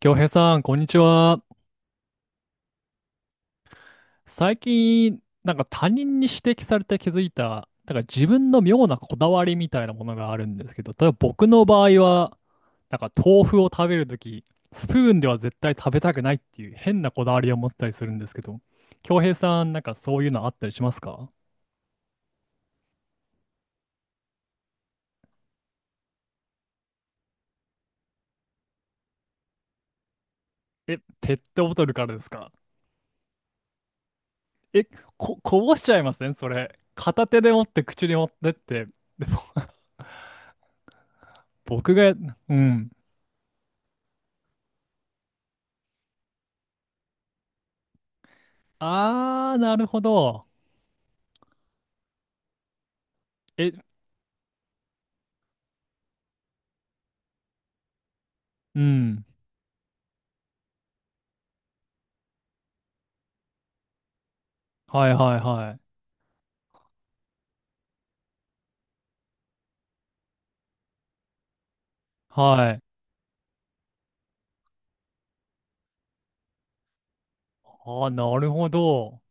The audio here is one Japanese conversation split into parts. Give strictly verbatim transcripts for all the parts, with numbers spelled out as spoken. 京平さん、こんにちは。最近、なんか他人に指摘されて気づいた、なんか自分の妙なこだわりみたいなものがあるんですけど、例えば僕の場合は、なんか豆腐を食べるとき、スプーンでは絶対食べたくないっていう変なこだわりを持ってたりするんですけど、京平さん、なんかそういうのあったりしますか？え、ペットボトルからですか？え、こ、こぼしちゃいませんそれ？片手で持って口に持ってって。でも、僕が、うん。あー、なるほど。え、うん。はいはいはい。はい。ああ、なるほど。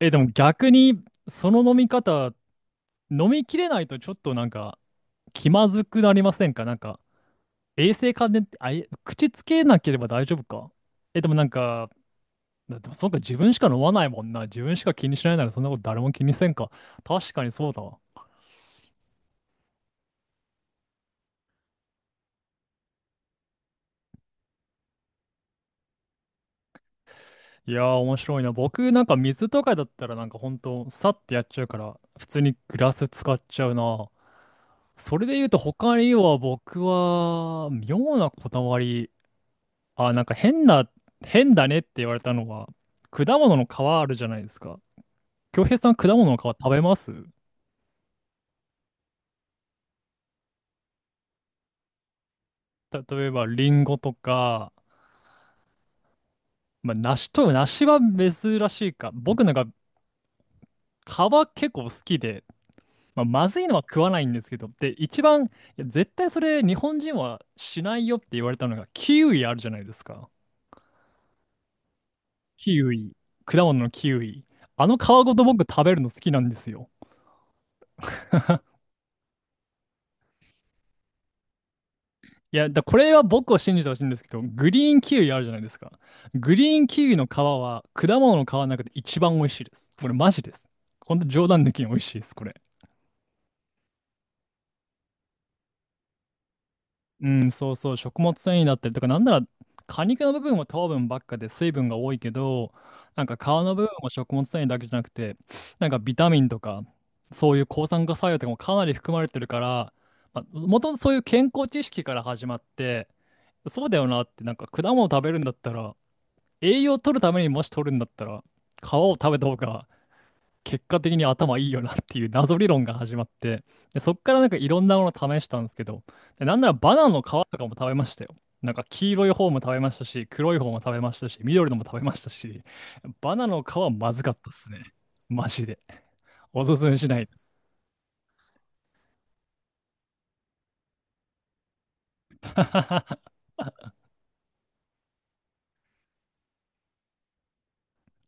え、でも逆に、その飲み方、飲みきれないとちょっとなんか、気まずくなりませんか？なんか、衛生関連って、あ、え口つけなければ大丈夫か？え、でもなんか、だでもそうか、自分しか飲まないもんな。自分しか気にしないならそんなこと誰も気にせんか。確かにそうだわ。いやー、面白いな。僕、なんか水とかだったら、なんかほんと、さってやっちゃうから、普通にグラス使っちゃうな。それで言うと、他には僕は、妙なこだわり。あ、なんか変な、変だねって言われたのは、果物の皮あるじゃないですか。京平さん、果物の皮食べます？た、例えば、リンゴとか、まあ、梨と、梨は珍しいか。僕なんか、皮結構好きで、まあ、まずいのは食わないんですけど、で、一番、いや絶対それ日本人はしないよって言われたのが、キウイあるじゃないですか。キウイ。果物のキウイ。あの皮ごと僕食べるの好きなんですよ。いや、だこれは僕を信じてほしいんですけど、グリーンキウイあるじゃないですか。グリーンキウイの皮は果物の皮の中で一番美味しいです。これマジです。ほんと冗談抜きに美味しいです、これ。うん、そうそう、食物繊維だったりとか、なんなら果肉の部分は糖分ばっかで水分が多いけど、なんか皮の部分も食物繊維だけじゃなくて、なんかビタミンとか、そういう抗酸化作用とかもかなり含まれてるから、まあ、もともとそういう健康知識から始まって、そうだよなって、なんか果物食べるんだったら、栄養を取るためにもし取るんだったら、皮を食べた方が結果的に頭いいよなっていう謎理論が始まって、で、そっからなんかいろんなもの試したんですけど、で、なんならバナナの皮とかも食べましたよ。なんか黄色い方も食べましたし、黒い方も食べましたし、緑のも食べましたし、バナナの皮はまずかったっすね。マジで。おすすめしないです。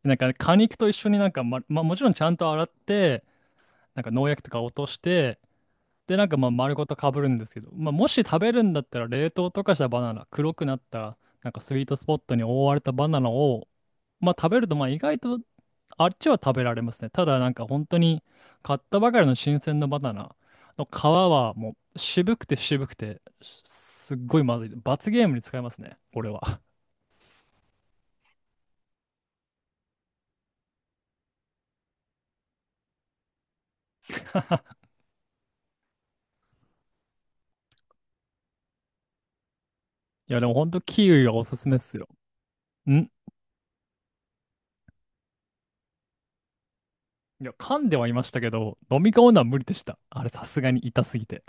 なんかね果肉と一緒になんか、ま、まあもちろんちゃんと洗って、なんか農薬とか落として、で、なんかまあ丸ごとかぶるんですけど、まあ、もし食べるんだったら冷凍とかしたバナナ、黒くなったなんかスイートスポットに覆われたバナナを、まあ、食べるとまあ意外とあっちは食べられますね。ただなんか本当に買ったばかりの新鮮なバナナの皮はもう渋くて渋くてすっごいまずい。罰ゲームに使いますね、俺は。いやでも本当キウイはおすすめっすよ。ん、いや噛んではいましたけど、飲み込むのは無理でした。あれさすがに痛すぎて。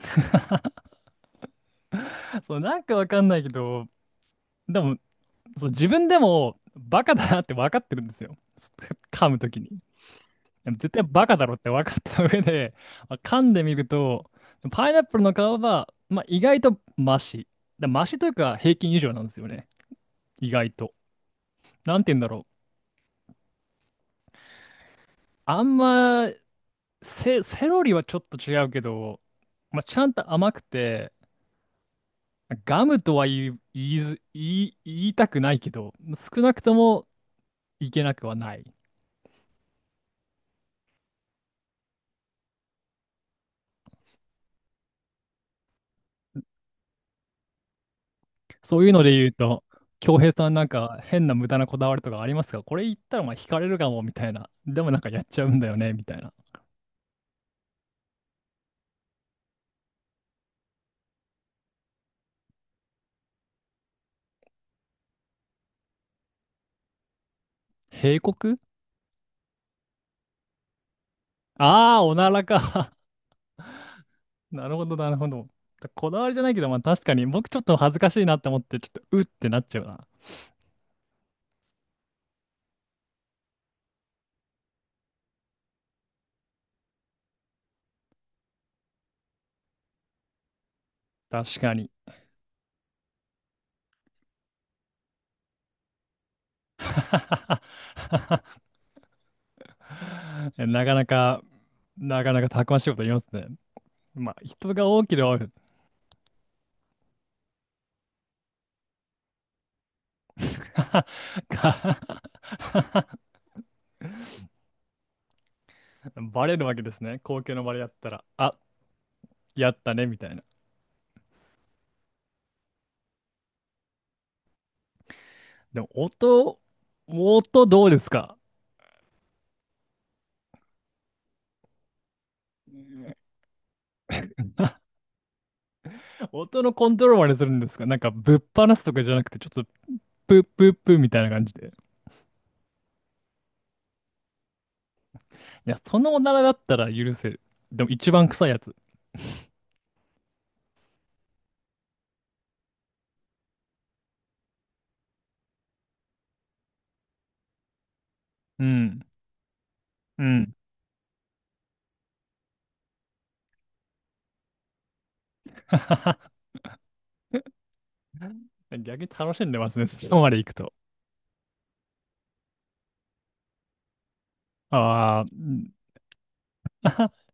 そう、なんかわかんないけど、でもそう、自分でもバカだなって分かってるんですよ。噛むときに。でも絶対バカだろって分かった上で、まあ噛んでみると、パイナップルの皮は、まあ、意外とマシ。だマシというか平均以上なんですよね。意外と。なんて言うんだろう。あんま、セ、セロリはちょっと違うけど、まあ、ちゃんと甘くて、ガムとは言い、言いず、言い、言いたくないけど、少なくともいけなくはない。そういうので言うと、恭平さんなんか変な無駄なこだわりとかありますか？これ言ったらまあ惹かれるかもみたいな。でもなんかやっちゃうんだよねみたいな。警告？ああー、おならか。なるほど、なるほど。こだわりじゃないけど、まあ確かに僕ちょっと恥ずかしいなって思って、ちょっとうってなっちゃうな。確かに。なかなかなかなかたくましいこと言いますね。まあ、人が多ければ多い か？ バレるわけですね。公共の場でやったら、あ、やったね、みたいな。でも、音、音どうですか？音のコントロールまでするんですか？なんか、ぶっ放すとかじゃなくて、ちょっと、プップップッみたいな感じで。いや、そのおならだったら許せる。でも、一番臭いやつ。うん、うん。逆に楽しんでますね、そこまで行くと。ああ、うん。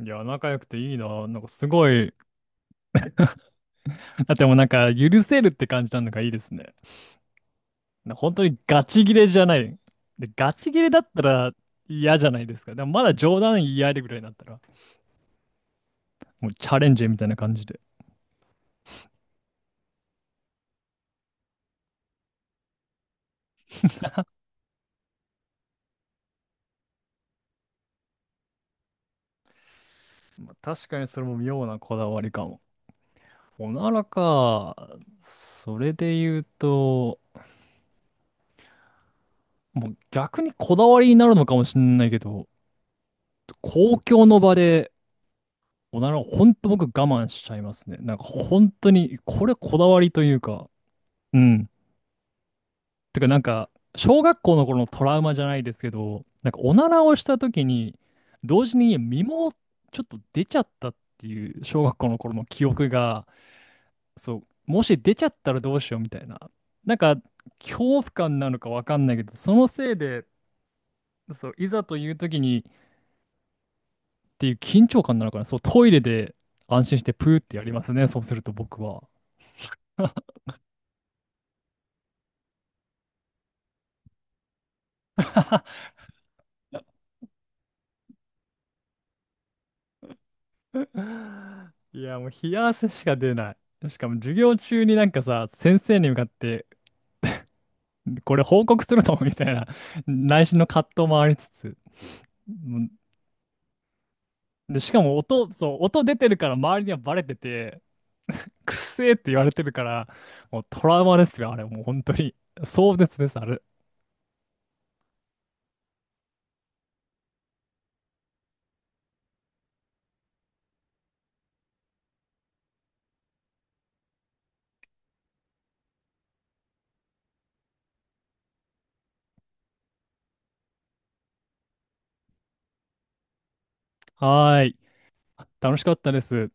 いや、仲良くていいな。なんかすごい。だってもうなんか許せるって感じなのがいいですね。本当にガチギレじゃない。で、ガチギレだったら嫌じゃないですか。でもまだ冗談言い合えるぐらいだったら、もうチャレンジみたいな感じで。確かにそれも妙なこだわりかも。おならか。それで言うと、もう逆にこだわりになるのかもしれないけど、公共の場でおならを本当僕我慢しちゃいますね。なんか本当に、これこだわりというか、うん。てかなんか、小学校の頃のトラウマじゃないですけど、なんかおならをした時に、同時に身もちょっと出ちゃったっていう小学校の頃の記憶が、そう、もし出ちゃったらどうしようみたいな。なんか、恐怖感なのかわかんないけど、そのせいで、そう、いざという時にっていう緊張感なのかな。そう、トイレで安心してプーってやりますね。そうすると僕は。いや、もう冷や汗しか出ない。しかも授業中になんかさ、先生に向かってこれ報告するのみたいな内心の葛藤もありつつ。うん。で、しかも音、そう、音出てるから周りにはバレてて、くっせーって言われてるから、もうトラウマですよ、あれ。もう本当に。壮絶です、あれ。はーい。楽しかったです。